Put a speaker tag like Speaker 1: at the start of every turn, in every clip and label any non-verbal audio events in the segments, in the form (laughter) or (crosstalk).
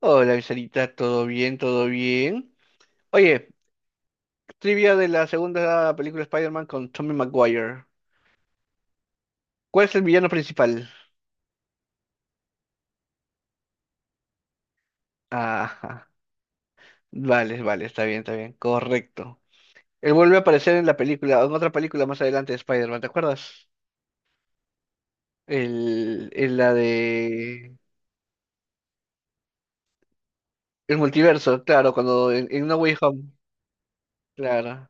Speaker 1: Hola, Viserita, ¿todo bien? ¿Todo bien? Oye, trivia de la segunda película Spider-Man con Tommy Maguire. ¿Cuál es el villano principal? Ajá. Vale, vale, está bien, está bien. Correcto. Él vuelve a aparecer en la película, en otra película más adelante de Spider-Man, ¿te acuerdas? En la de el multiverso, claro, cuando en No Way Home. Claro.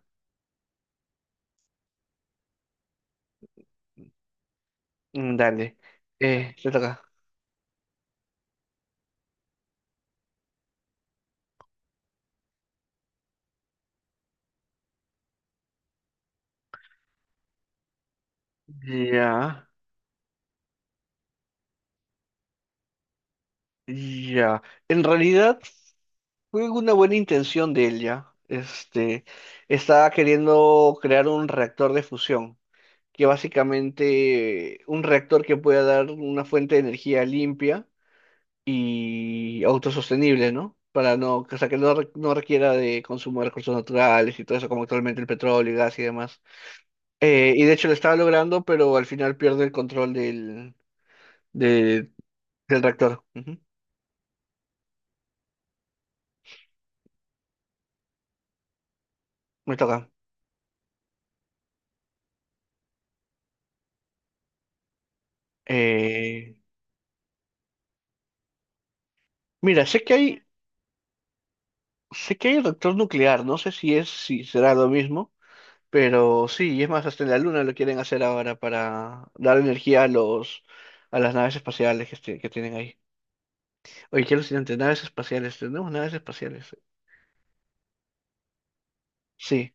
Speaker 1: Dale. Te toca. Ya. Ya, en realidad fue una buena intención de él ya. Estaba queriendo crear un reactor de fusión, que básicamente un reactor que pueda dar una fuente de energía limpia y autosostenible, ¿no? Para no, o sea, que no, no requiera de consumo de recursos naturales y todo eso, como actualmente el petróleo, el gas y demás. Y de hecho lo estaba logrando, pero al final pierde el control de- del reactor. Ujú. Me toca. Eh, Mira, sé que hay reactor nuclear, no sé si es, si será lo mismo, pero sí, y es más, hasta en la Luna lo quieren hacer ahora para dar energía a a las naves espaciales que que tienen ahí. Oye, qué alucinante, naves espaciales, tenemos naves espaciales. Sí,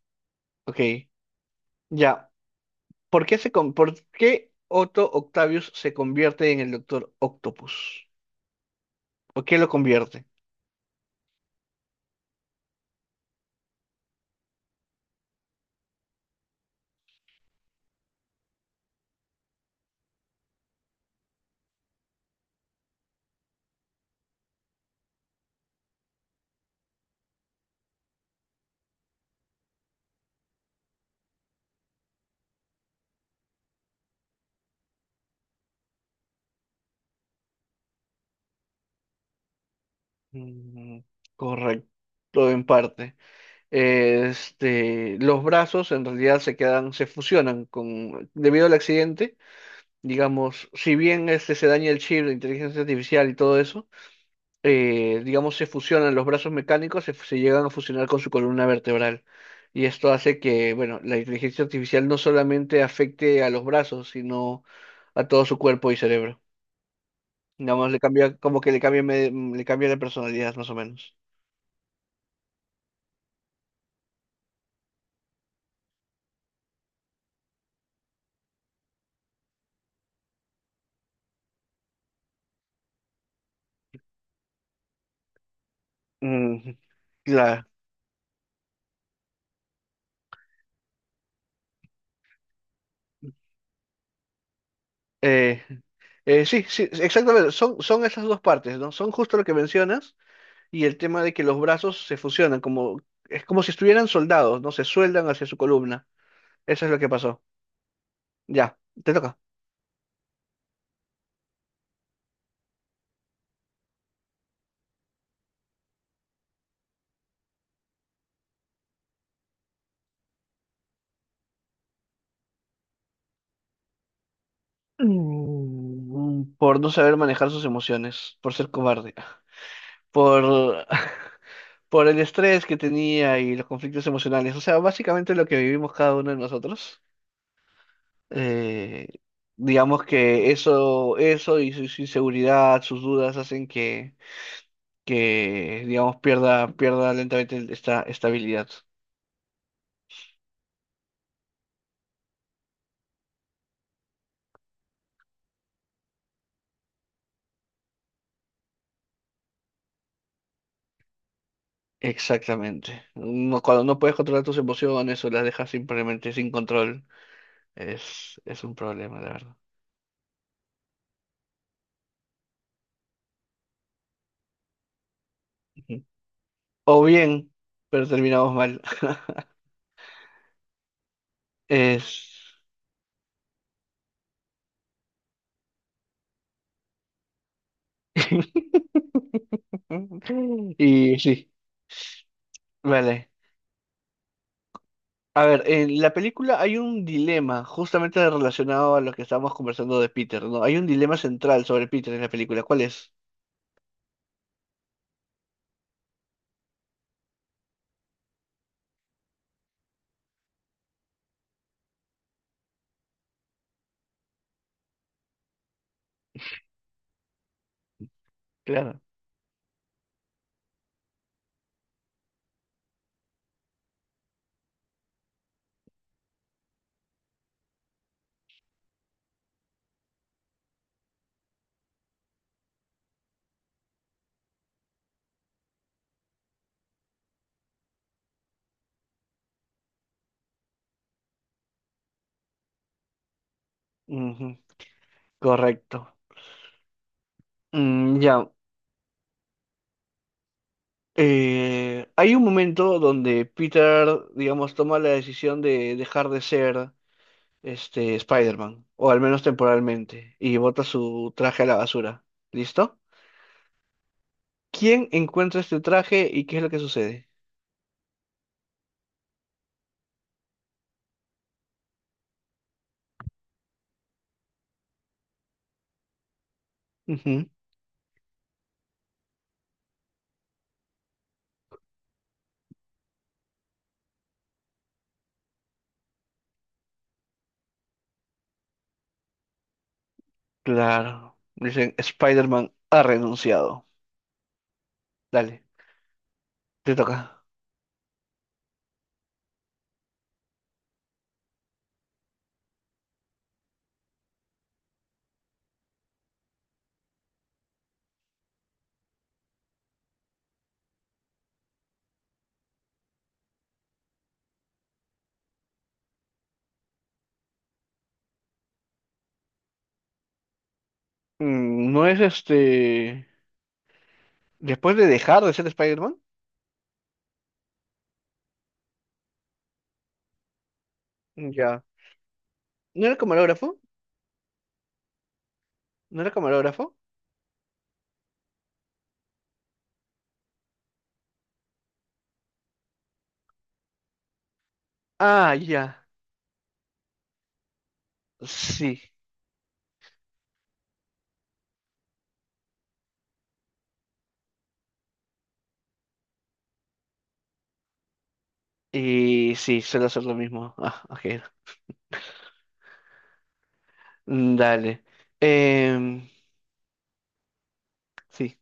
Speaker 1: ok. Ya. ¿Por qué Otto Octavius se convierte en el Doctor Octopus? ¿Por qué lo convierte? Mm, Correcto, en parte. Este, los brazos en realidad se quedan, se fusionan con, debido al accidente, digamos, si bien este se daña el chip de inteligencia artificial y todo eso, digamos, se fusionan los brazos mecánicos, se llegan a fusionar con su columna vertebral. Y esto hace que, bueno, la inteligencia artificial no solamente afecte a los brazos, sino a todo su cuerpo y cerebro. Nada más le cambia, como que le cambia, le cambia la personalidad, más o menos. Mm, claro. Eh, sí, sí, exactamente. Son esas dos partes, ¿no? Son justo lo que mencionas y el tema de que los brazos se fusionan, como, es como si estuvieran soldados, ¿no? Se sueldan hacia su columna. Eso es lo que pasó. Ya, te toca. Por no saber manejar sus emociones, por ser cobarde, por, (laughs) por el estrés que tenía y los conflictos emocionales. O sea, básicamente lo que vivimos cada uno de nosotros. Eh, digamos que eso, su inseguridad, sus dudas hacen que digamos, pierda lentamente esta estabilidad. Exactamente. No- cuando no puedes controlar tus emociones o las dejas simplemente sin control, es un problema, de verdad. Ujú. O bien, pero terminamos mal. (laughs) Es... (laughs) Y sí, vale. A ver, en la película hay un dilema justamente relacionado a lo que estábamos conversando de Peter, ¿no? Hay un dilema central sobre Peter en la película. ¿Cuál es? Claro. Ujú, correcto. Ya. Hay un momento donde Peter, digamos, toma la decisión de dejar de ser este Spider-Man, o al menos temporalmente, y bota su traje a la basura. ¿Listo? ¿Quién encuentra este traje y qué es lo que sucede? Ujú, claro. Dicen, Spider-Man ha renunciado. Dale, te toca. No es este. Después de dejar de ser Spider-Man, ya. ¿No era camarógrafo? ¿No era camarógrafo? Ah, ya. Sí. Y sí, suelo hacer lo mismo. Ah, ok. Dale. Em, sí,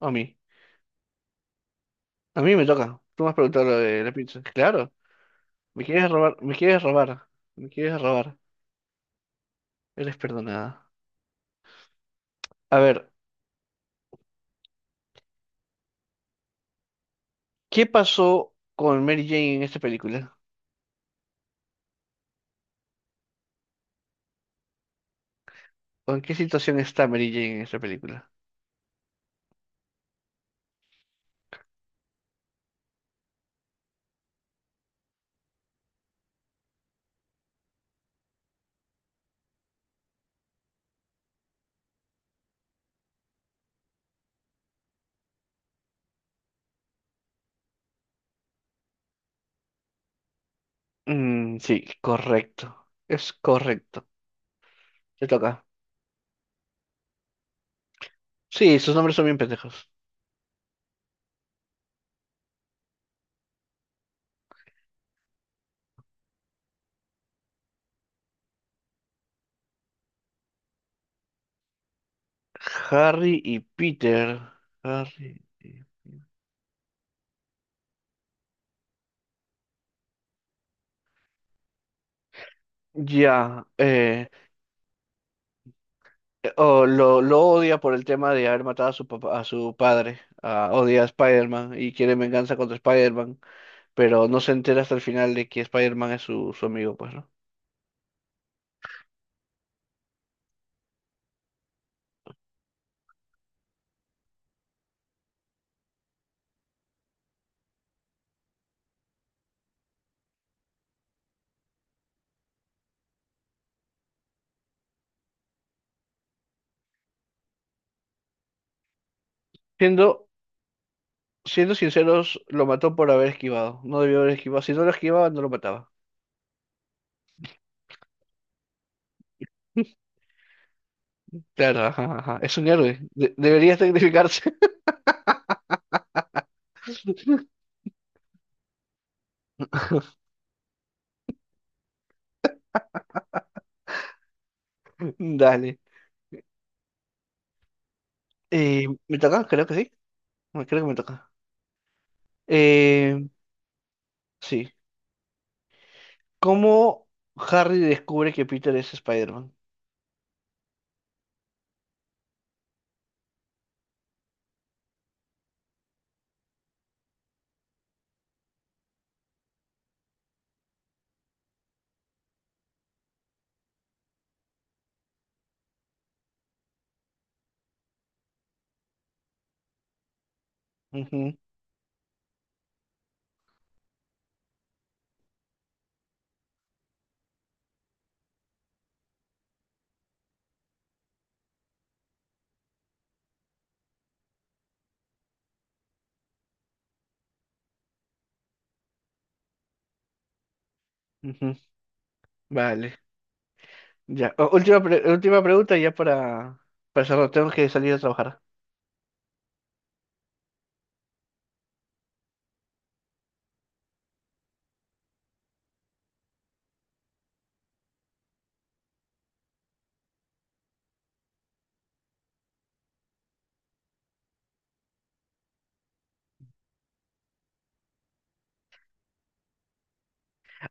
Speaker 1: a mí. A mí me toca. Tú me has preguntado lo de la pizza. Claro. Me quieres robar, me quieres robar. Me quieres robar. Eres perdonada. A ver, ¿qué pasó con Mary Jane en esta película? ¿O en qué situación está Mary Jane en esta película? Sí, correcto. Es correcto. Te toca. Sí, sus nombres son bien pendejos. Harry y Peter. Harry y... Ya. Lo odia por el tema de haber matado a su papá, a su padre. Ah, odia a Spider-Man y quiere venganza contra Spider-Man, pero no se entera hasta el final de que Spider-Man es su amigo, pues, ¿no? Siendo, Siendo sinceros, lo mató por haber esquivado. No debió haber esquivado. Si no lo esquivaba, no lo mataba. Claro, ajá, ajá. Es un héroe. De- debería sacrificarse. (laughs) Dale. ¿Me toca? Creo que sí. Bueno, creo que me toca. Eh, sí. ¿Cómo Harry descubre que Peter es Spider-Man? Ujú, ujú. Vale. Ya. Última pregunta ya para cerrar. Tengo que salir a trabajar.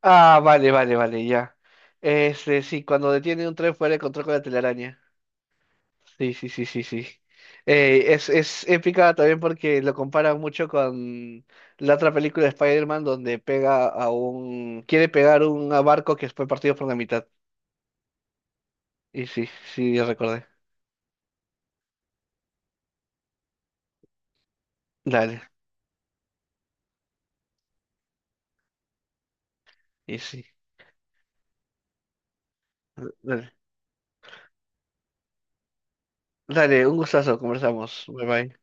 Speaker 1: Ah, vale, vale, vale, ya. Este, sí, cuando detiene un tren fuera de control con la telaraña. Sí, sí, sí, sí, sí. Es épica también porque lo comparan mucho con la otra película de Spider-Man donde pega a un... quiere pegar un a barco que fue partido por la mitad. Y sí, sí, ya recordé. Dale, y sí. Dale, dale, un gustazo, conversamos. Bye bye.